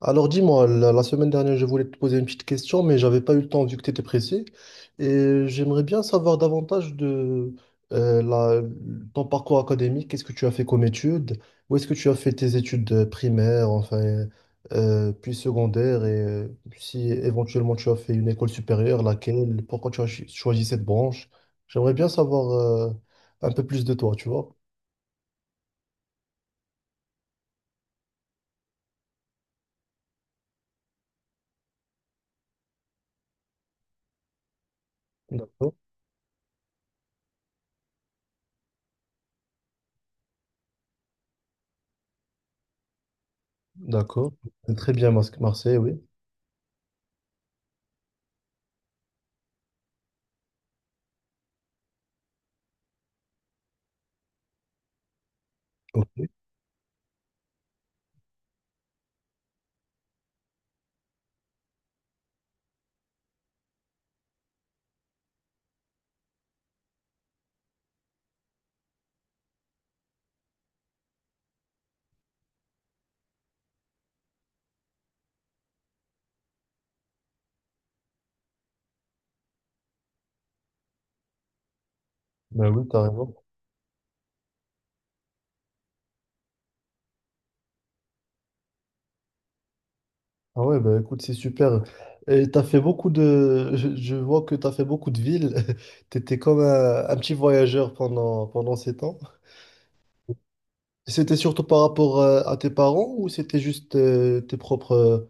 Alors dis-moi, la semaine dernière, je voulais te poser une petite question, mais j'avais pas eu le temps vu que tu étais pressé. Et j'aimerais bien savoir davantage de euh, la- ton parcours académique. Qu'est-ce que tu as fait comme études? Où est-ce que tu as fait tes études primaires, enfin, puis secondaires, et si éventuellement tu as fait une école supérieure, laquelle? Pourquoi tu as choisi cette branche? J'aimerais bien savoir un peu plus de toi, tu vois. D'accord, d'accord. Très bien, Marseille, oui. Ok, ben oui, t'as raison. Ah ouais, bah écoute, c'est super. Et t'as fait beaucoup de... Je vois que t'as fait beaucoup de villes. T'étais comme un petit voyageur pendant, pendant ces temps. C'était surtout par rapport à tes parents ou c'était juste euh, tes propres,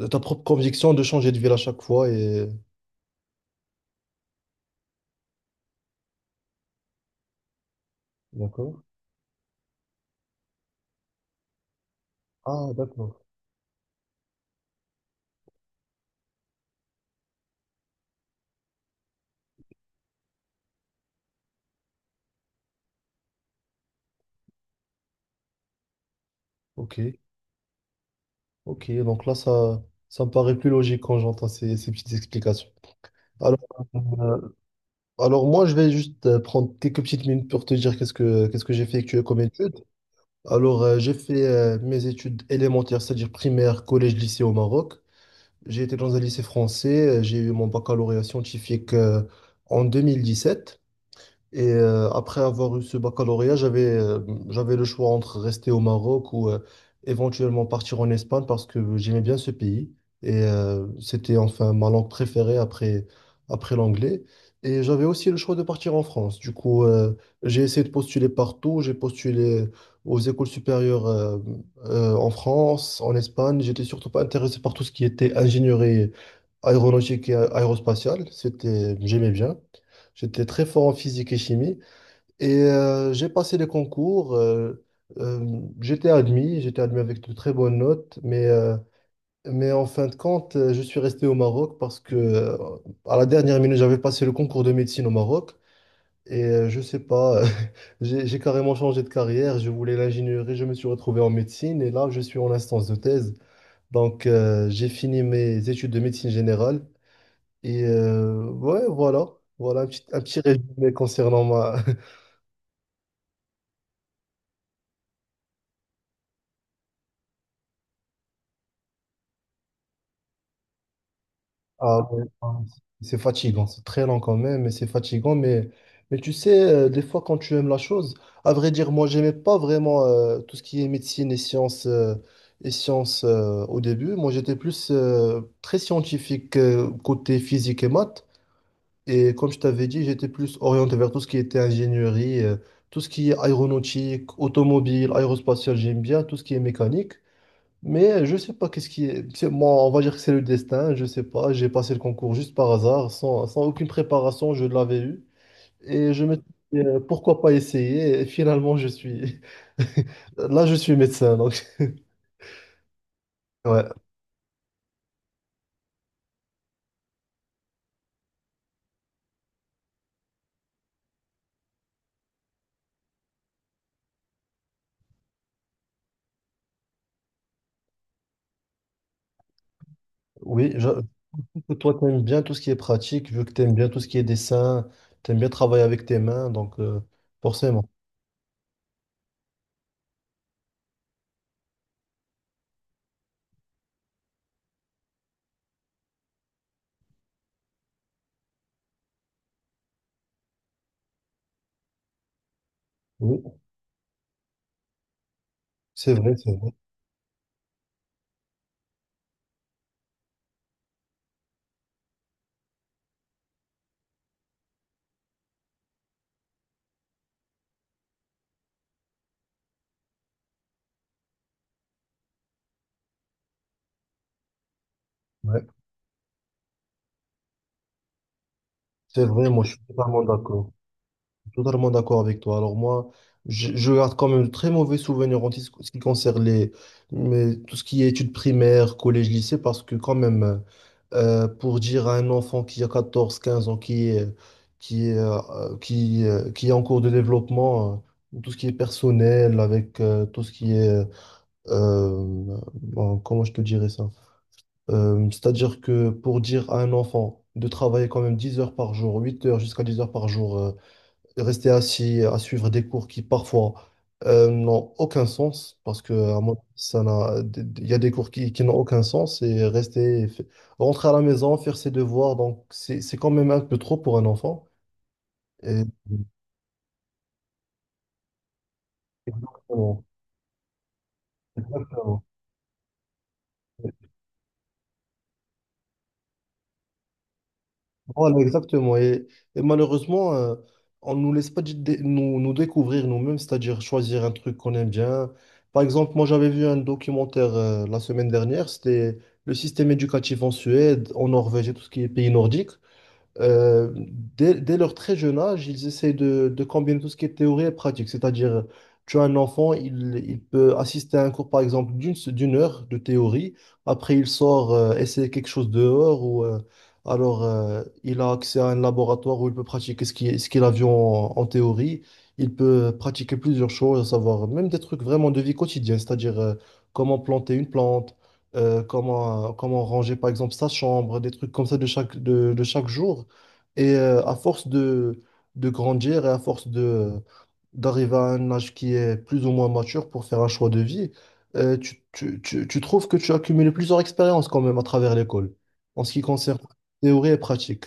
euh, ta propre conviction de changer de ville à chaque fois et... D'accord. Ah, d'accord. Ok, ok. Donc là, ça me paraît plus logique quand j'entends ces, ces petites explications. Alors, euh, alors moi, je vais juste prendre quelques petites minutes pour te dire qu'est-ce que j'ai effectué comme étude. Alors, j'ai fait mes études élémentaires, c'est-à-dire primaire, collège, lycée au Maroc. J'ai été dans un lycée français. J'ai eu mon baccalauréat scientifique en 2017. Et après avoir eu ce baccalauréat, j'avais le choix entre rester au Maroc ou éventuellement partir en Espagne parce que j'aimais bien ce pays. Et c'était enfin ma langue préférée après l'anglais. Et j'avais aussi le choix de partir en France. Du coup, j'ai essayé de postuler partout. J'ai postulé aux écoles supérieures en France, en Espagne. J'étais surtout pas intéressé par tout ce qui était ingénierie aéronautique et aérospatiale. C'était, j'aimais bien. J'étais très fort en physique et chimie et j'ai passé les concours. J'étais admis avec de très bonnes notes, mais en fin de compte, je suis resté au Maroc parce que à la dernière minute, j'avais passé le concours de médecine au Maroc et je sais pas, j'ai carrément changé de carrière. Je voulais l'ingénierie, je me suis retrouvé en médecine et là, je suis en instance de thèse. Donc, j'ai fini mes études de médecine générale et ouais, voilà. Voilà un petit résumé concernant ma, Ah ouais, ah, c'est fatigant, c'est très lent quand même, mais c'est fatigant. Mais tu sais, des fois, quand tu aimes la chose, à vrai dire, moi, j'aimais pas vraiment tout ce qui est médecine et sciences, au début. Moi, j'étais plus très scientifique côté physique et maths. Et comme je t'avais dit, j'étais plus orienté vers tout ce qui était ingénierie, tout ce qui est aéronautique, automobile, aérospatiale, j'aime bien, tout ce qui est mécanique. Mais je sais pas qu'est-ce qui est. Moi, on va dire que c'est le destin, je sais pas. J'ai passé le concours juste par hasard, sans aucune préparation, je l'avais eu. Et je me suis dit, pourquoi pas essayer? Et finalement, je suis. Là, je suis médecin, donc. Ouais, oui, je trouve que toi, tu aimes bien tout ce qui est pratique, vu que tu aimes bien tout ce qui est dessin, tu aimes bien travailler avec tes mains, donc forcément. Oui, c'est vrai, c'est vrai. Ouais, c'est vrai, moi, je suis totalement d'accord. Totalement d'accord avec toi. Alors moi, je garde quand même de très mauvais souvenirs en ce qui concerne les, mais tout ce qui est études primaires, collège, lycée, parce que quand même, pour dire à un enfant qui a 14, 15 ans, qui est en cours de développement, tout ce qui est personnel, avec tout ce qui est, euh, bon, comment je te dirais ça? C'est-à-dire que pour dire à un enfant de travailler quand même 10 heures par jour, 8 heures jusqu'à 10 heures par jour, de rester assis à suivre des cours qui parfois n'ont aucun sens, parce que à moi ça n'a, il y a des cours qui n'ont aucun sens, et rester, rentrer à la maison, faire ses devoirs, donc c'est quand même un peu trop pour un enfant. Et- Exactement. Exactement. Voilà, exactement. Et malheureusement, on ne nous laisse pas nous, nous découvrir nous-mêmes, c'est-à-dire choisir un truc qu'on aime bien. Par exemple, moi, j'avais vu un documentaire la semaine dernière, c'était le système éducatif en Suède, en Norvège et tout ce qui est pays nordique. Euh, dès leur très jeune âge, ils essaient de combiner tout ce qui est théorie et pratique. C'est-à-dire, tu as un enfant, il peut assister à un cours, par exemple, d'une heure de théorie. Après, il sort essayer quelque chose dehors ou alors il a accès à un laboratoire où il peut pratiquer ce qu'il a vu en théorie. Il peut pratiquer plusieurs choses, à savoir même des trucs vraiment de vie quotidienne, c'est-à-dire comment planter une plante comment ranger par exemple sa chambre, des trucs comme ça de chaque, de chaque jour. Et à force de grandir et à force de d'arriver à un âge qui est plus ou moins mature pour faire un choix de vie, tu trouves que tu as accumulé plusieurs expériences quand même à travers l'école en ce qui concerne théorie et pratique.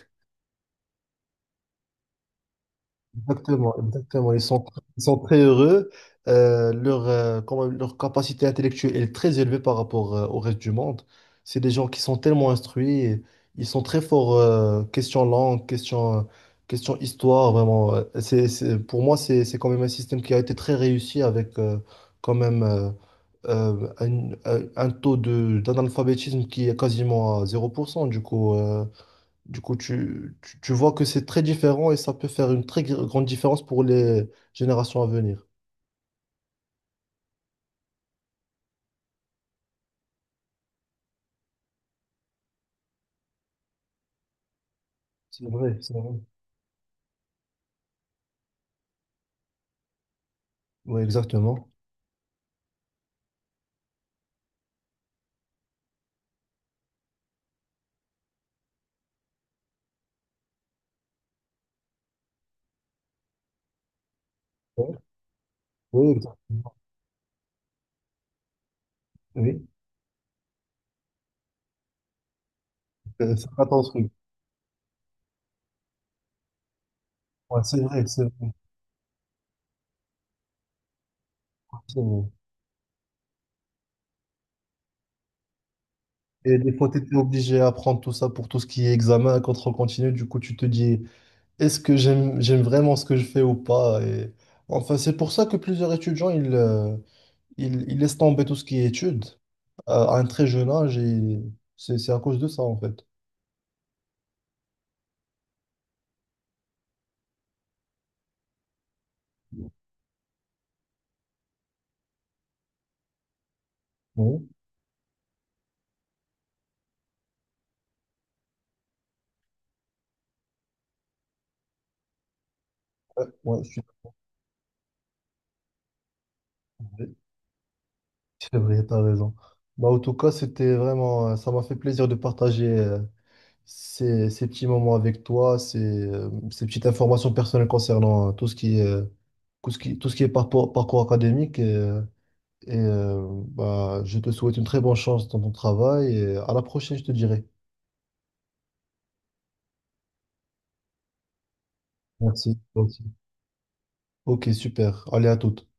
Exactement, exactement. Ils sont très heureux. Leur, quand même, leur capacité intellectuelle est très élevée par rapport au reste du monde. C'est des gens qui sont tellement instruits. Et ils sont très forts, question langue, question, question histoire, vraiment. Pour moi, c'est quand même un système qui a été très réussi avec quand même un taux d'analphabétisme qui est quasiment à 0%. Du coup, tu vois que c'est très différent et ça peut faire une très grande différence pour les générations à venir. C'est vrai, c'est vrai. Oui, exactement. Ouais, oui, exactement. Oui, c'est pas ton truc. Ouais, c'est vrai, c'est vrai. Continue. Et des fois, tu étais obligé à prendre tout ça pour tout ce qui est examen, contrôle continu. Du coup, tu te dis, est-ce que j'aime vraiment ce que je fais ou pas? Et... Enfin, c'est pour ça que plusieurs étudiants, ils laissent tomber tout ce qui est études à un très jeune âge et c'est à cause de ça, en fait. Oui, ouais, ouais, je suis désolé. C'est vrai, t'as raison. Bah, en tout cas, c'était vraiment, ça m'a fait plaisir de partager ces petits moments avec toi, ces petites informations personnelles concernant tout ce qui est, tout ce qui est parcours, parcours académique. Bah, je te souhaite une très bonne chance dans ton travail et à la prochaine, je te dirai. Merci. Merci. Ok, super. Allez, à toute.